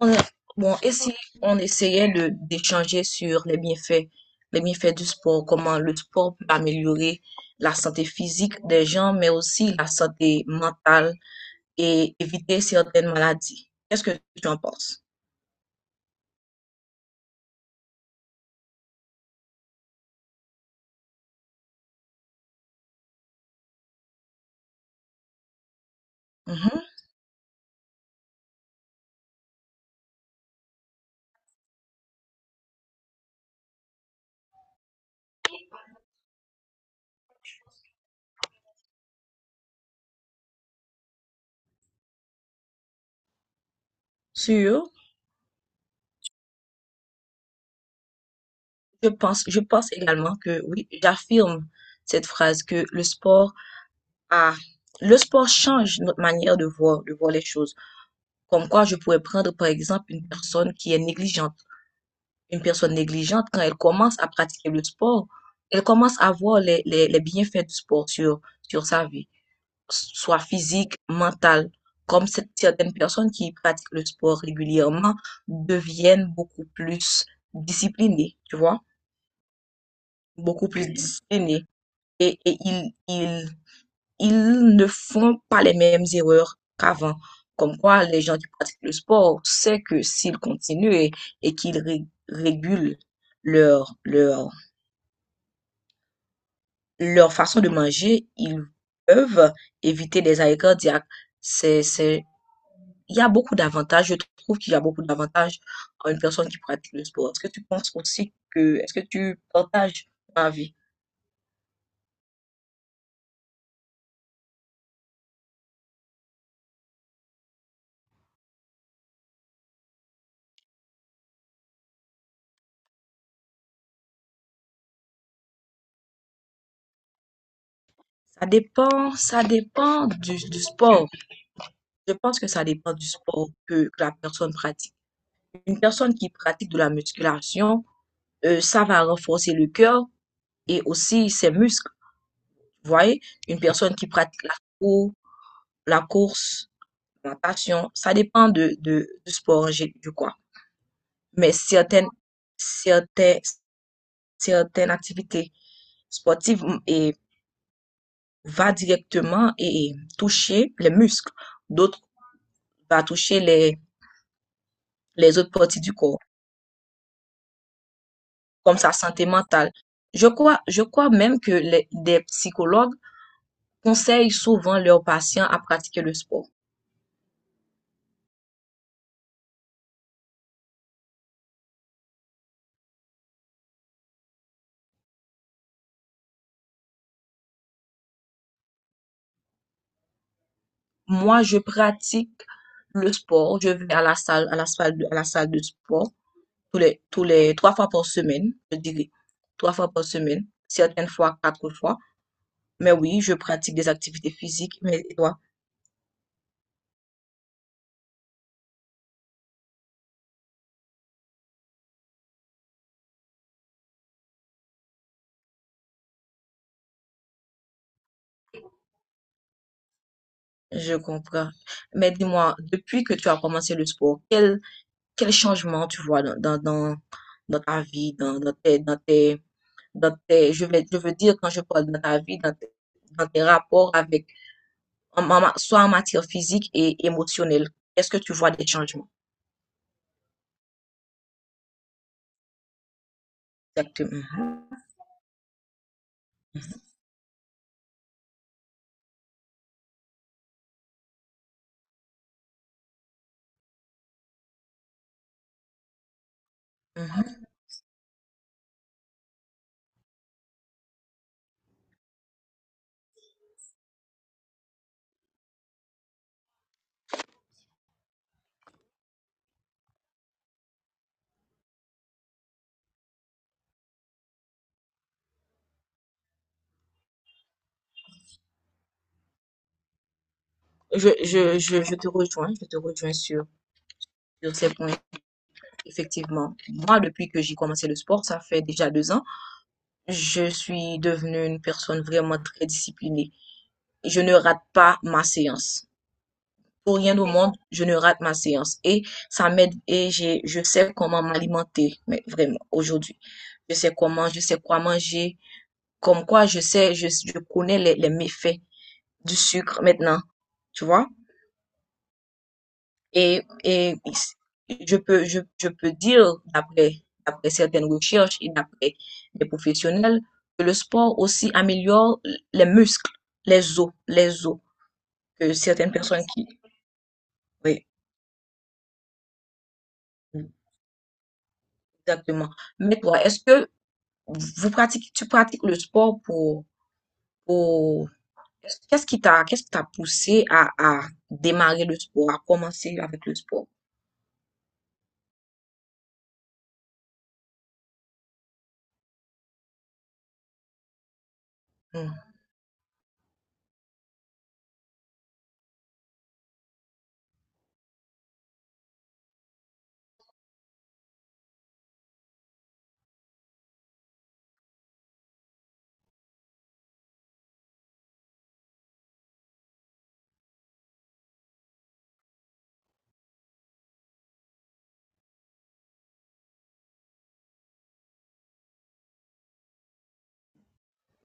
On a- bon, et si on essayait de d'échanger sur les bienfaits du sport, comment le sport peut améliorer la santé physique des gens, mais aussi la santé mentale et éviter certaines maladies. Qu'est-ce que tu en penses? Mhm. Sûr, je pense également que oui, j'affirme cette phrase que a, le sport change notre manière de voir les choses. Comme quoi, je pourrais prendre par exemple une personne négligente, quand elle commence à pratiquer le sport, elle commence à voir les bienfaits du sport sur sa vie, soit physique, mentale. Certaines personnes qui pratiquent le sport régulièrement deviennent beaucoup plus disciplinées, tu vois, beaucoup plus, oui, disciplinées. Et, ils ne font pas les mêmes erreurs qu'avant. Comme quoi, les gens qui pratiquent le sport savent que et qu'ils régulent leur leur façon de manger, ils peuvent éviter des arrêts cardiaques. C'est, c'est, il y a beaucoup d'avantages. Je trouve qu'il y a beaucoup d'avantages à une personne qui pratique le sport. Est-ce que tu partages ma vie? Ça dépend du sport. Je pense que ça dépend du sport que la personne pratique. Une personne qui pratique de la musculation, ça va renforcer le cœur et aussi ses muscles. Vous voyez, une personne qui pratique la course. La passion, ça dépend du sport, du quoi. Mais certaines, certaines activités sportives va directement et toucher les muscles. D'autres va toucher les autres parties du corps, comme sa santé mentale. Je crois même que des psychologues conseillent souvent leurs patients à pratiquer le sport. Moi, je pratique le sport. Je vais à la salle, à la salle de sport tous les 3 fois par semaine, je dirais. 3 fois par semaine, certaines fois 4 fois. Mais oui, je pratique des activités physiques. Mais et toi? Je comprends. Mais dis-moi, depuis que tu as commencé le sport, quel changement tu vois dans ta vie, je vais, je veux dire quand je parle dans ta vie, dans tes rapports avec, en soit en matière physique et émotionnelle. Est-ce que tu vois des changements? Exactement. Mhm. Je te rejoins sur ces points. Effectivement, moi, depuis que j'ai commencé le sport, ça fait déjà 2 ans, je suis devenue une personne vraiment très disciplinée. Je ne rate pas ma séance. Pour rien au monde, je ne rate ma séance. Et ça m'aide et je sais comment m'alimenter, mais vraiment, aujourd'hui. Je sais quoi manger. Comme quoi, je connais les méfaits du sucre maintenant, tu vois? Et je peux dire, d'après, d'après certaines recherches et d'après des professionnels, que le sport aussi améliore les muscles, les os, que certaines personnes qui, oui, exactement. Mais toi, est-ce que tu pratiques le sport pour... Qu'est-ce qui qu'est-ce qui t'a poussé à démarrer le sport, à commencer avec le sport? Hmm.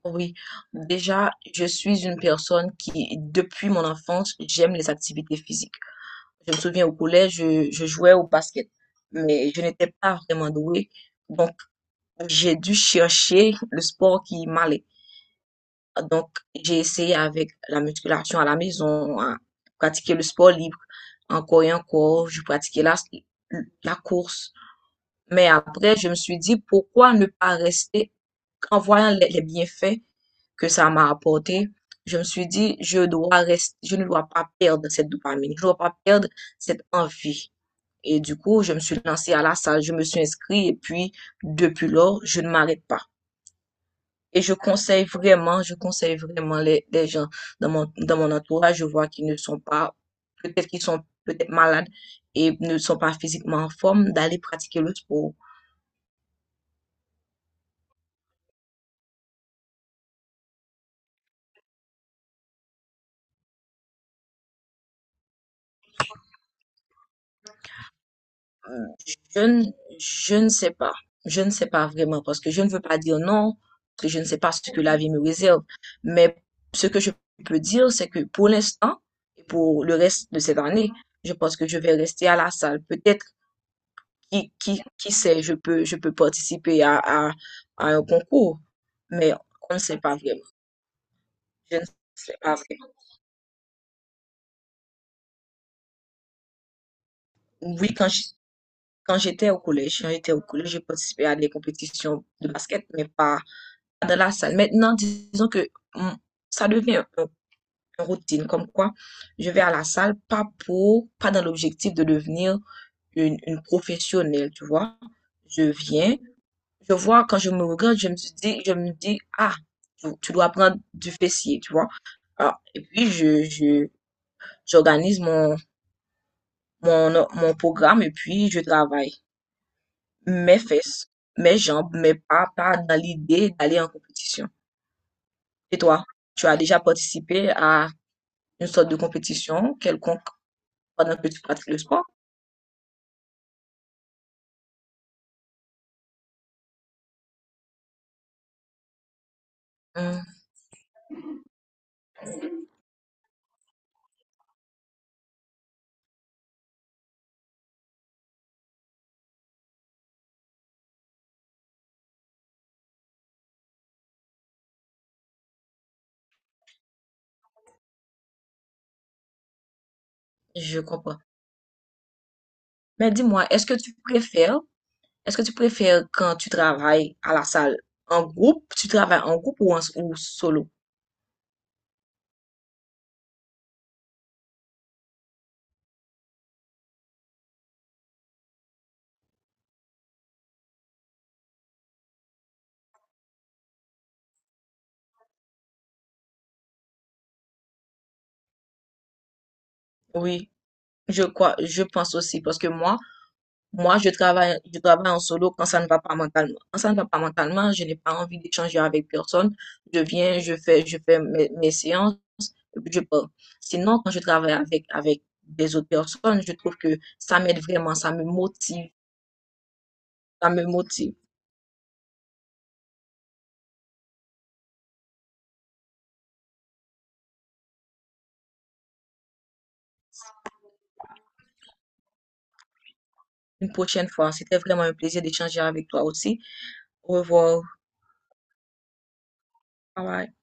Oui, déjà, je suis une personne qui, depuis mon enfance, j'aime les activités physiques. Je me souviens au collège, je jouais au basket, mais je n'étais pas vraiment douée. Donc, j'ai dû chercher le sport qui m'allait. Donc, j'ai essayé avec la musculation à la maison, à pratiquer le sport libre, encore et encore, je pratiquais la course. Mais après, je me suis dit, pourquoi ne pas rester, en voyant les bienfaits que ça m'a apporté, je me suis dit, je dois rester, je ne dois pas perdre cette dopamine, je ne dois pas perdre cette envie. Et du coup, je me suis lancée à la salle, je me suis inscrite et puis, depuis lors, je ne m'arrête pas. Et je conseille vraiment les gens dans mon entourage. Je vois qu'ils ne sont pas, peut-être qu'ils sont peut-être malades et ne sont pas physiquement en forme d'aller pratiquer le sport. Euh, Je ne, je ne sais pas. Je ne sais pas vraiment parce que je ne veux pas dire non, parce que je ne sais pas ce que la vie me réserve. Mais ce que je peux dire, c'est que pour l'instant et pour le reste de cette année, je pense que je vais rester à la salle. Peut-être, qui sait, je peux participer à un concours, mais on ne sait pas vraiment. Je ne sais pas vraiment. Oui, quand j'étais au collège, j'ai participé à des compétitions de basket, mais pas de la salle. Maintenant, disons que mm, ça devient une routine, comme quoi je vais à la salle pas pour, pas dans l'objectif de devenir une professionnelle, tu vois. Je viens, je vois, quand je me regarde, je me dis, ah, tu dois prendre du fessier, tu vois. Alors, et puis, j'organise mon programme et puis je travaille mes fesses, mes jambes, mais pas, pas dans l'idée d'aller en compétition. Et toi, tu as déjà participé à une sorte de compétition quelconque pendant que tu pratiques le sport? Hum, je comprends. Mais dis-moi, est-ce que tu préfères quand tu travailles à la salle en groupe, tu travailles en groupe ou ou solo? Oui, je pense aussi parce que moi, je travaille en solo quand ça ne va pas mentalement. Quand ça ne va pas mentalement, je n'ai pas envie d'échanger avec personne. Je viens, je fais mes séances, et puis je pars. Sinon, quand je travaille avec des autres personnes, je trouve que ça m'aide vraiment, ça me motive, ça me motive. Une prochaine fois, c'était vraiment un plaisir d'échanger avec toi aussi. Au revoir. Bye bye.